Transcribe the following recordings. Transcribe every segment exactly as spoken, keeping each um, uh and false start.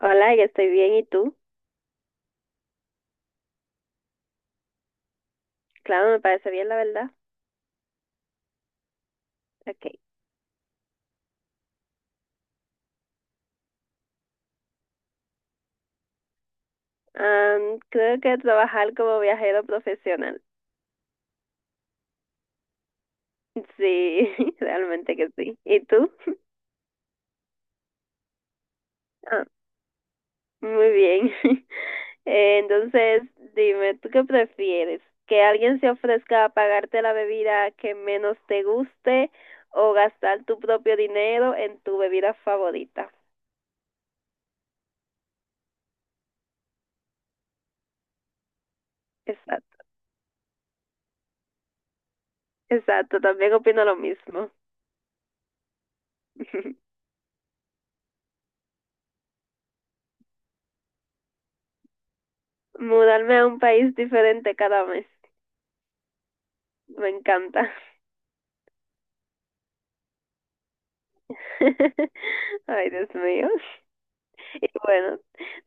Hola, yo estoy bien, ¿y tú? Claro, me parece bien, la verdad. Ok. Am, creo que trabajar como viajero profesional. Sí, realmente que sí. ¿Y tú? Ah, muy bien. Eh, Entonces, dime, ¿tú qué prefieres? ¿Que alguien se ofrezca a pagarte la bebida que menos te guste o gastar tu propio dinero en tu bebida favorita? Exacto, exacto, también opino lo mismo. Mudarme a un país diferente cada mes. Me encanta. Ay, Dios mío. Y bueno,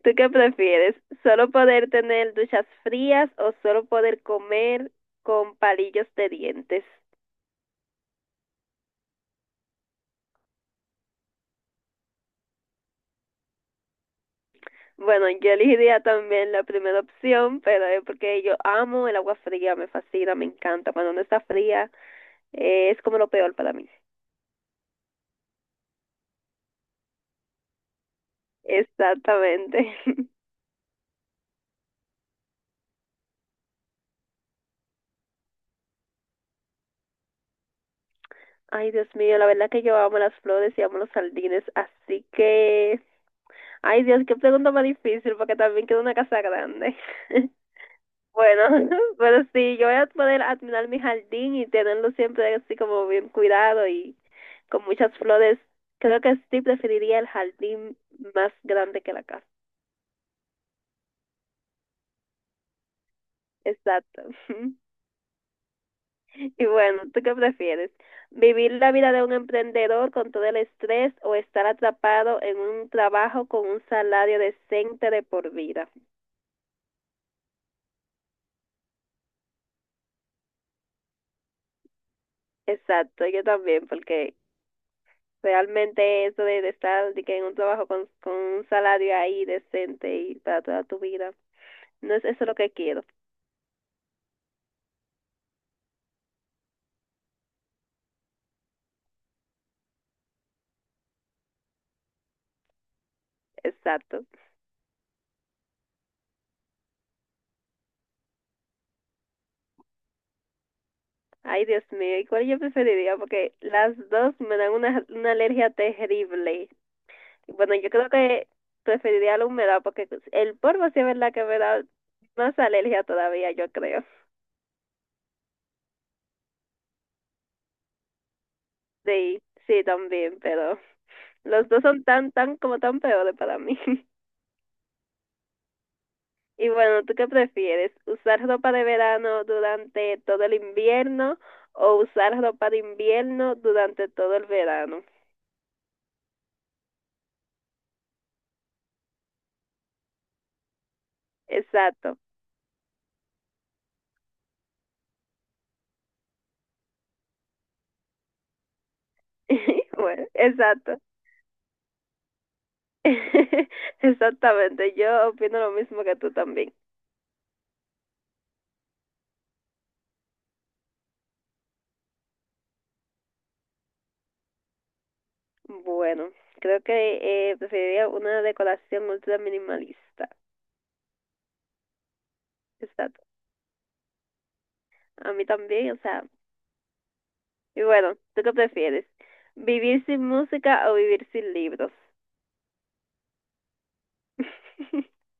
¿tú qué prefieres? ¿Solo poder tener duchas frías o solo poder comer con palillos de dientes? Bueno, yo elegiría también la primera opción, pero es porque yo amo el agua fría, me fascina, me encanta. Cuando no está fría, eh, es como lo peor para mí. Exactamente. Ay, Dios mío, la verdad que yo amo las flores y amo los jardines, así que Ay, Dios, qué pregunta más difícil, porque también quiero una casa grande. Bueno, pero sí, yo voy a poder admirar mi jardín y tenerlo siempre así como bien cuidado y con muchas flores. Creo que sí preferiría el jardín más grande que la casa. Exacto. Y bueno, ¿tú qué prefieres? ¿Vivir la vida de un emprendedor con todo el estrés o estar atrapado en un trabajo con un salario decente de por vida? Exacto, yo también, porque realmente eso de, de estar de que en un trabajo con, con un salario ahí decente y para toda tu vida, no es eso lo que quiero. Exacto. Ay, Dios mío, ¿y cuál yo preferiría? Porque las dos me dan una, una alergia terrible. Bueno, yo creo que preferiría la humedad porque el polvo sí es verdad que me da más alergia todavía, yo creo. Sí, sí, también, pero los dos son tan, tan, como tan peores para mí. Y bueno, ¿tú qué prefieres? ¿Usar ropa de verano durante todo el invierno o usar ropa de invierno durante todo el verano? Exacto. Bueno, exacto. Exactamente, yo opino lo mismo que tú también. Bueno, creo que eh, preferiría una decoración ultra minimalista. Exacto. A mí también, o sea. Y bueno, ¿tú qué prefieres? ¿Vivir sin música o vivir sin libros?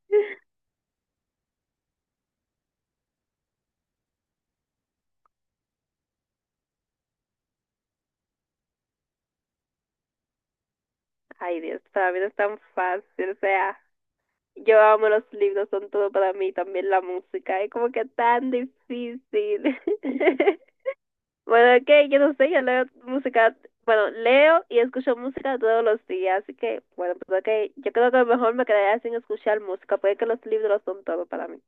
Ay, Dios, para mí no es tan fácil, o sea, yo amo los libros, son todo para mí, también la música, es como que tan difícil. Bueno, es que yo no sé, yo leo música, bueno, leo y escucho música todos los días, así que, bueno, pues ok, yo creo que mejor me quedaría sin escuchar música, porque es que los libros son todo para mí.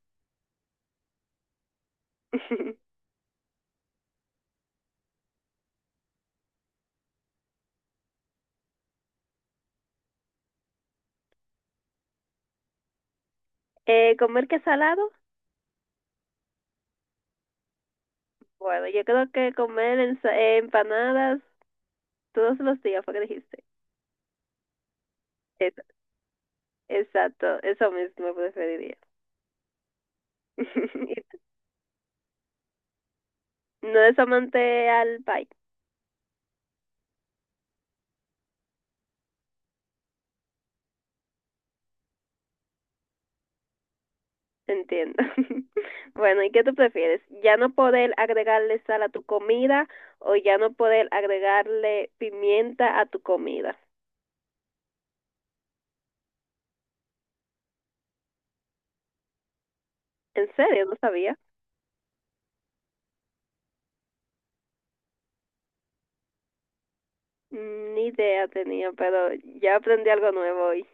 eh, ¿Comer qué salado? Bueno, yo creo que comer ensa- eh, empanadas todos los días, fue que dijiste. Eso, exacto, eso mismo preferiría. No es amante al pie, entiendo. Bueno, ¿y qué tú prefieres? ¿Ya no poder agregarle sal a tu comida o ya no poder agregarle pimienta a tu comida? ¿En serio? No sabía. Mm, ni idea tenía, pero ya aprendí algo nuevo hoy.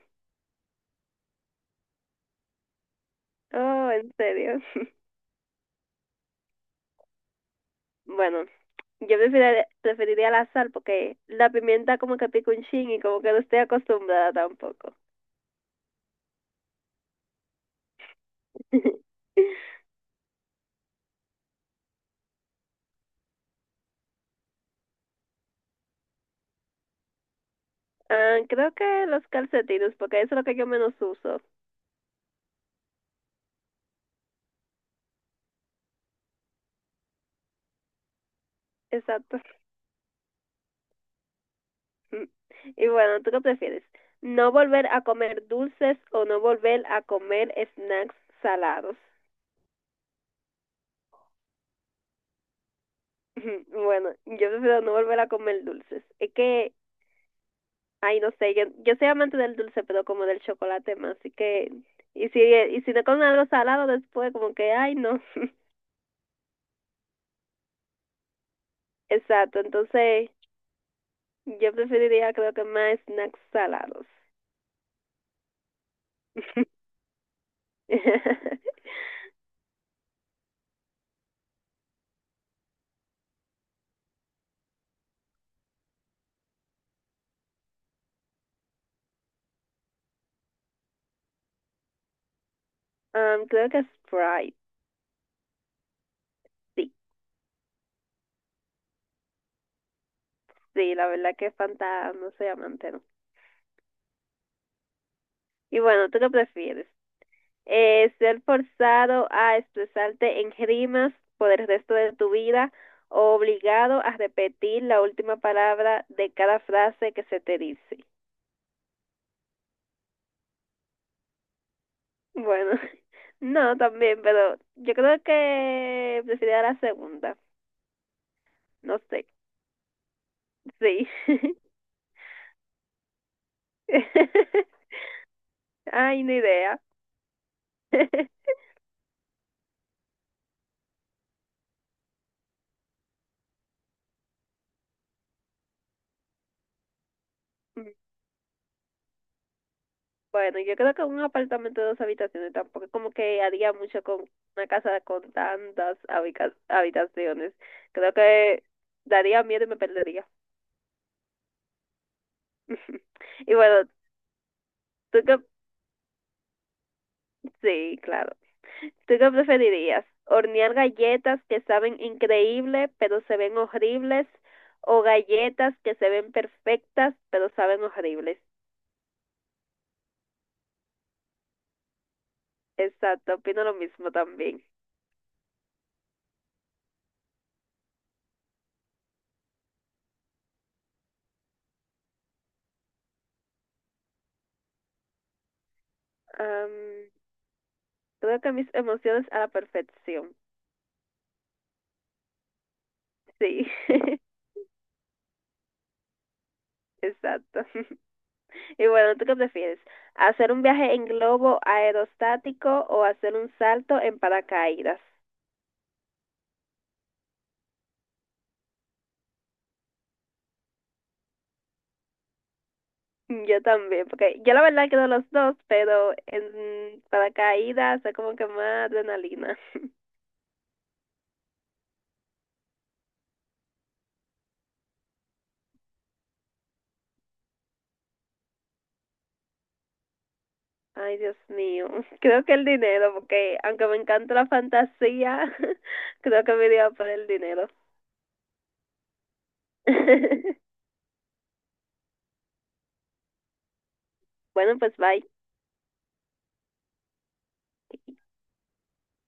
Oh, ¿en serio? Bueno, yo preferiría, preferiría la sal porque la pimienta como que pica un chin y como que no estoy acostumbrada tampoco. Ah, creo que los calcetines, porque eso es lo que yo menos uso. Exacto. Y bueno, ¿tú qué prefieres? ¿No volver a comer dulces o no volver a comer snacks salados? Bueno, yo prefiero no volver a comer dulces. Es que, ay, no sé, yo, yo soy amante del dulce, pero como del chocolate más, así que, y si, y si no comen algo salado después, como que, ay, no. Exacto, entonces yo preferiría creo que más snacks salados. Um, creo que Sprite, sí, sí, la verdad que Fanta no soy amante, no. Y bueno, ¿tú qué prefieres? Eh, ¿ser forzado a expresarte en rimas por el resto de tu vida o obligado a repetir la última palabra de cada frase que se te dice? Bueno, no, también, pero yo creo que preferiría la segunda. No sé. Sí. Ay, ni idea. Bueno, yo creo que un apartamento de dos habitaciones tampoco es como que haría mucho con una casa con tantas habica- habitaciones. Creo que daría miedo y me perdería. Y bueno, tú qué, sí, claro. ¿Tú qué preferirías? ¿Hornear galletas que saben increíble pero se ven horribles? ¿O galletas que se ven perfectas pero saben horribles? Exacto, opino lo mismo también. Am, Creo que mis emociones a la perfección. Sí. Exacto. Y bueno, ¿tú qué prefieres? ¿Hacer un viaje en globo aerostático o hacer un salto en paracaídas? Yo también, porque yo la verdad quiero los dos, pero en paracaídas es como que más adrenalina. Ay, Dios mío. Creo que el dinero, porque aunque me encanta la fantasía, creo que me iría por el dinero. Bueno, pues bye.